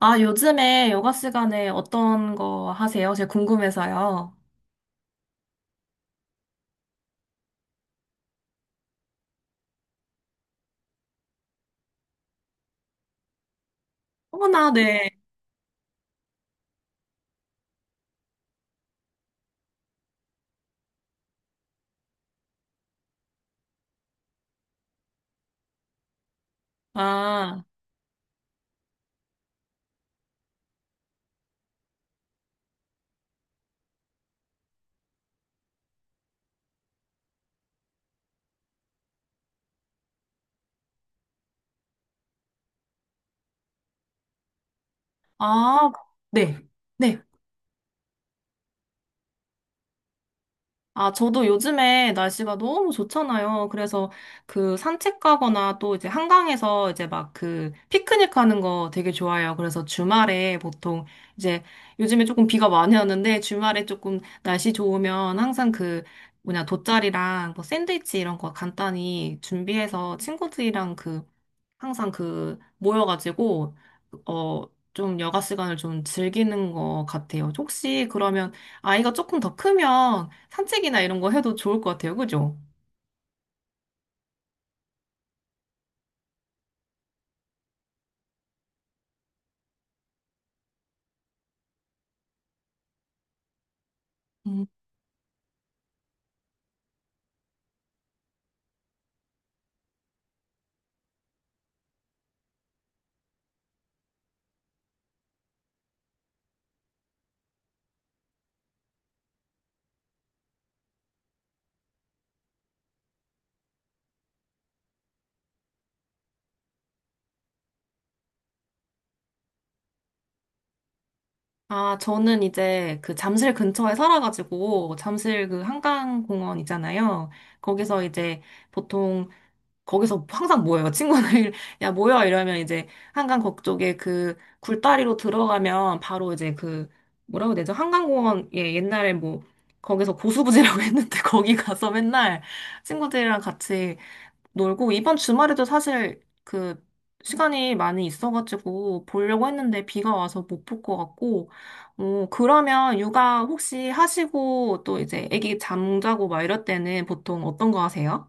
아, 요즘에 여가 시간에 어떤 거 하세요? 제가 궁금해서요. 어머나, 네. 아, 아, 네. 네. 아, 저도 요즘에 날씨가 너무 좋잖아요. 그래서 그 산책 가거나 또 이제 한강에서 이제 막 그 피크닉 하는 거 되게 좋아해요. 그래서 주말에 보통 이제 요즘에 조금 비가 많이 오는데 주말에 조금 날씨 좋으면 항상 그 뭐냐 돗자리랑 뭐 샌드위치 이런 거 간단히 준비해서 친구들이랑 그 항상 그 모여가지고 어 좀 여가 시간을 좀 즐기는 것 같아요. 혹시 그러면 아이가 조금 더 크면 산책이나 이런 거 해도 좋을 것 같아요. 그죠? 음. 아, 저는 이제 그 잠실 근처에 살아가지고 잠실 그 한강공원 있잖아요. 거기서 이제 보통 거기서 항상 모여요. 친구들, 야, 모여! 이러면 이제 한강 거쪽에 그 굴다리로 들어가면 바로 이제 그, 뭐라고 해야 되죠? 한강공원, 예, 옛날에 뭐, 거기서 고수부지라고 했는데 거기 가서 맨날 친구들이랑 같이 놀고, 이번 주말에도 사실 그, 시간이 많이 있어가지고 보려고 했는데 비가 와서 못 볼 것 같고, 어, 그러면 육아 혹시 하시고 또 이제 애기 잠자고 막 이럴 때는 보통 어떤 거 하세요?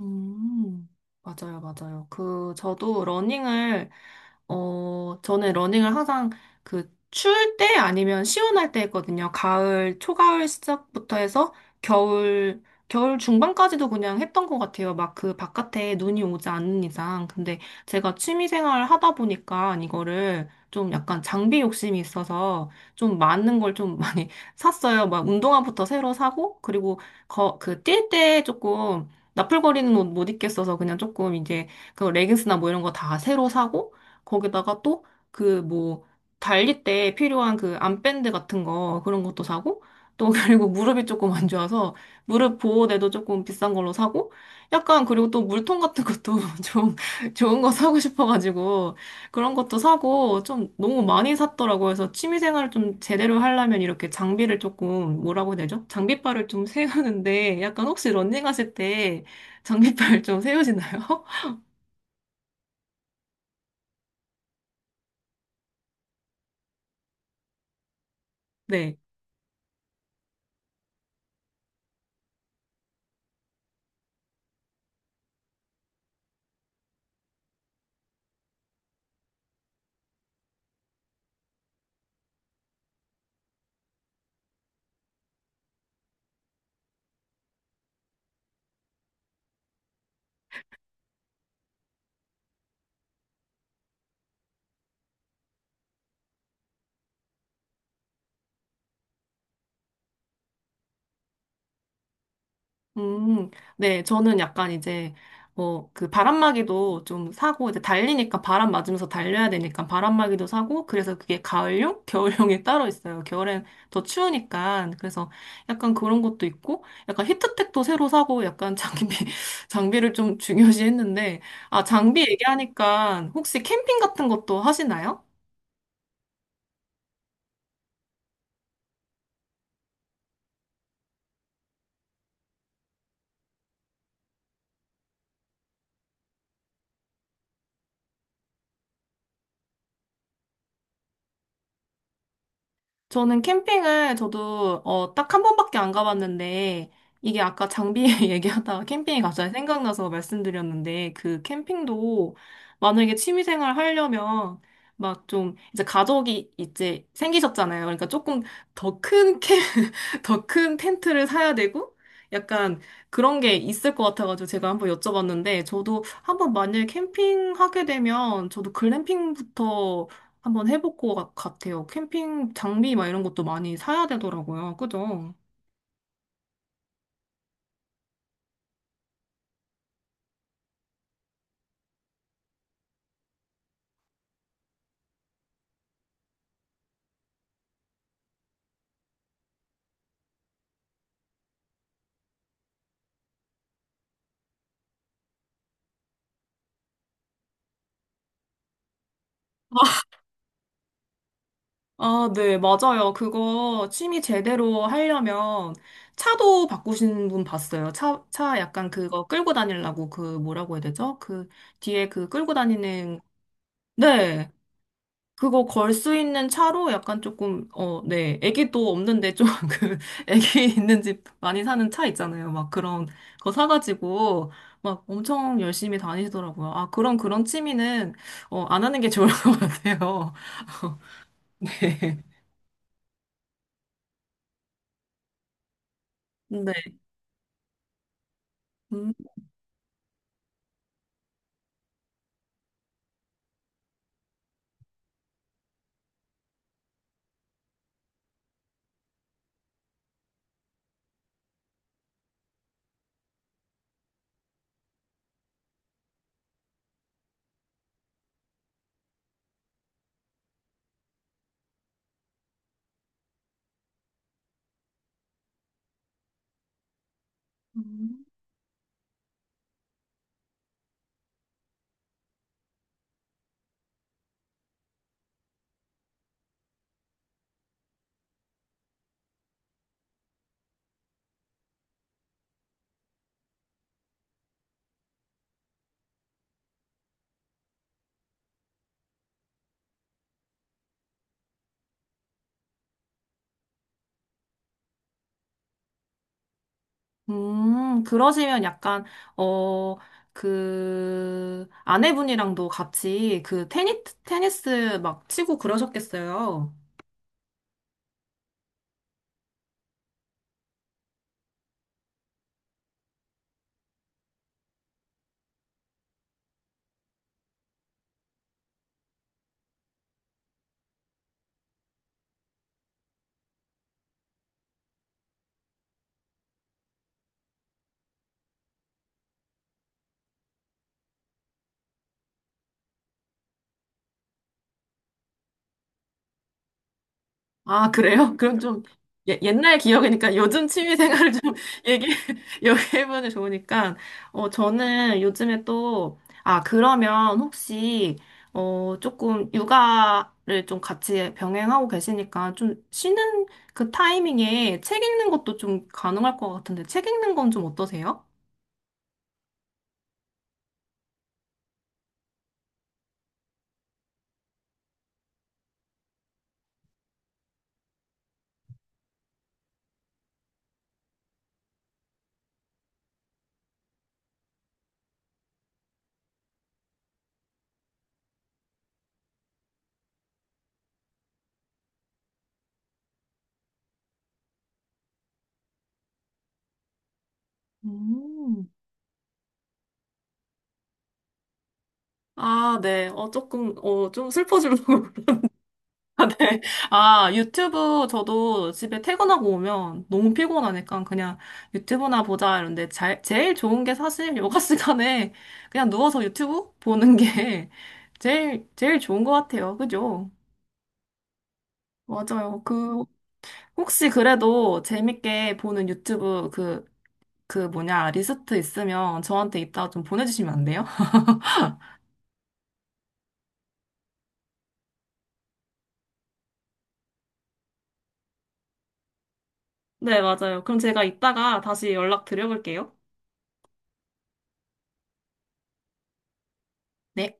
음, 맞아요, 맞아요. 그, 저도 러닝을, 어, 저는 러닝을 항상 그, 추울 때 아니면 시원할 때 했거든요. 가을, 초가을 시작부터 해서 겨울, 겨울 중반까지도 그냥 했던 것 같아요. 막 그 바깥에 눈이 오지 않는 이상. 근데 제가 취미 생활을 하다 보니까 이거를 좀 약간 장비 욕심이 있어서 좀 많은 걸 좀 많이 샀어요. 막 운동화부터 새로 사고, 그리고 거, 그, 뛸 때 조금 나풀거리는 옷 못 입겠어서 그냥 조금 이제 그 레깅스나 뭐 이런 거 다 새로 사고 거기다가 또 그 뭐 달릴 때 필요한 그 암밴드 같은 거 그런 것도 사고 또 그리고 무릎이 조금 안 좋아서 무릎 보호대도 조금 비싼 걸로 사고 약간 그리고 또 물통 같은 것도 좀 좋은 거 사고 싶어가지고 그런 것도 사고 좀 너무 많이 샀더라고요. 그래서 취미 생활을 좀 제대로 하려면 이렇게 장비를 조금 뭐라고 해야 되죠? 장비빨을 좀 세우는데 약간 혹시 런닝 하실 때 장비빨 좀 세우시나요? 네. 음, 네. 저는 약간 이제, 뭐, 그 바람막이도 좀 사고, 이제 달리니까 바람 맞으면서 달려야 되니까 바람막이도 사고, 그래서 그게 가을용? 겨울용이 따로 있어요. 겨울엔 더 추우니까. 그래서 약간 그런 것도 있고, 약간 히트텍도 새로 사고, 약간 장비, 장비를 좀 중요시 했는데, 아, 장비 얘기하니까 혹시 캠핑 같은 것도 하시나요? 저는 캠핑을 저도 어, 딱 한 번밖에 안 가봤는데 이게 아까 장비 얘기하다가 캠핑이 갑자기 생각나서 말씀드렸는데 그 캠핑도 만약에 취미생활 하려면 막 좀 이제 가족이 이제 생기셨잖아요. 그러니까 조금 더 큰 캠, 더 큰 텐트를 사야 되고 약간 그런 게 있을 것 같아가지고 제가 한번 여쭤봤는데 저도 한번 만약에 캠핑하게 되면 저도 글램핑부터 한번 같아요. 캠핑 장비 막 이런 것도 많이 사야 되더라고요. 그죠? 아, 네, 맞아요. 그거 취미 제대로 하려면 차도 바꾸신 분 봤어요. 차 약간 그거 끌고 다니려고 그 뭐라고 해야 되죠? 그 뒤에 그 끌고 다니는, 네. 그거 걸 수 있는 차로 약간 조금, 어, 네. 애기도 없는데 좀 그, 애기 있는 집 많이 사는 차 있잖아요. 막 그런 거 사가지고 막 엄청 열심히 다니시더라고요. 그런 취미는, 어, 안 하는 게 좋을 것 같아요. 네. 네. 음, 음, 그러시면 약간, 어, 그, 아내분이랑도 같이 테니스 막 치고 그러셨겠어요. 아, 그래요? 그럼 좀 예, 옛날 기억이니까 요즘 취미 생활을 좀 얘기, 얘기해보면 좋으니까. 어, 저는 요즘에 또, 아, 그러면 혹시, 어, 조금 육아를 좀 같이 병행하고 계시니까 좀 쉬는 그 타이밍에 책 읽는 것도 좀 가능할 것 같은데 책 읽는 건 좀 어떠세요? 음. 아, 네. 어, 조금, 어, 좀 슬퍼지려고. 아, 네. 아, 유튜브 저도 집에 퇴근하고 오면 너무 피곤하니까 그냥 유튜브나 보자 이런데 잘, 제일 좋은 게 사실 요가 시간에 그냥 누워서 유튜브 보는 게 제일 좋은 것 같아요. 그죠? 맞아요. 그, 혹시 그래도 재밌게 보는 유튜브 그, 그 뭐냐, 리스트 있으면 저한테 이따 좀 보내주시면 안 돼요? 네, 맞아요. 그럼 제가 이따가 다시 연락 드려볼게요. 네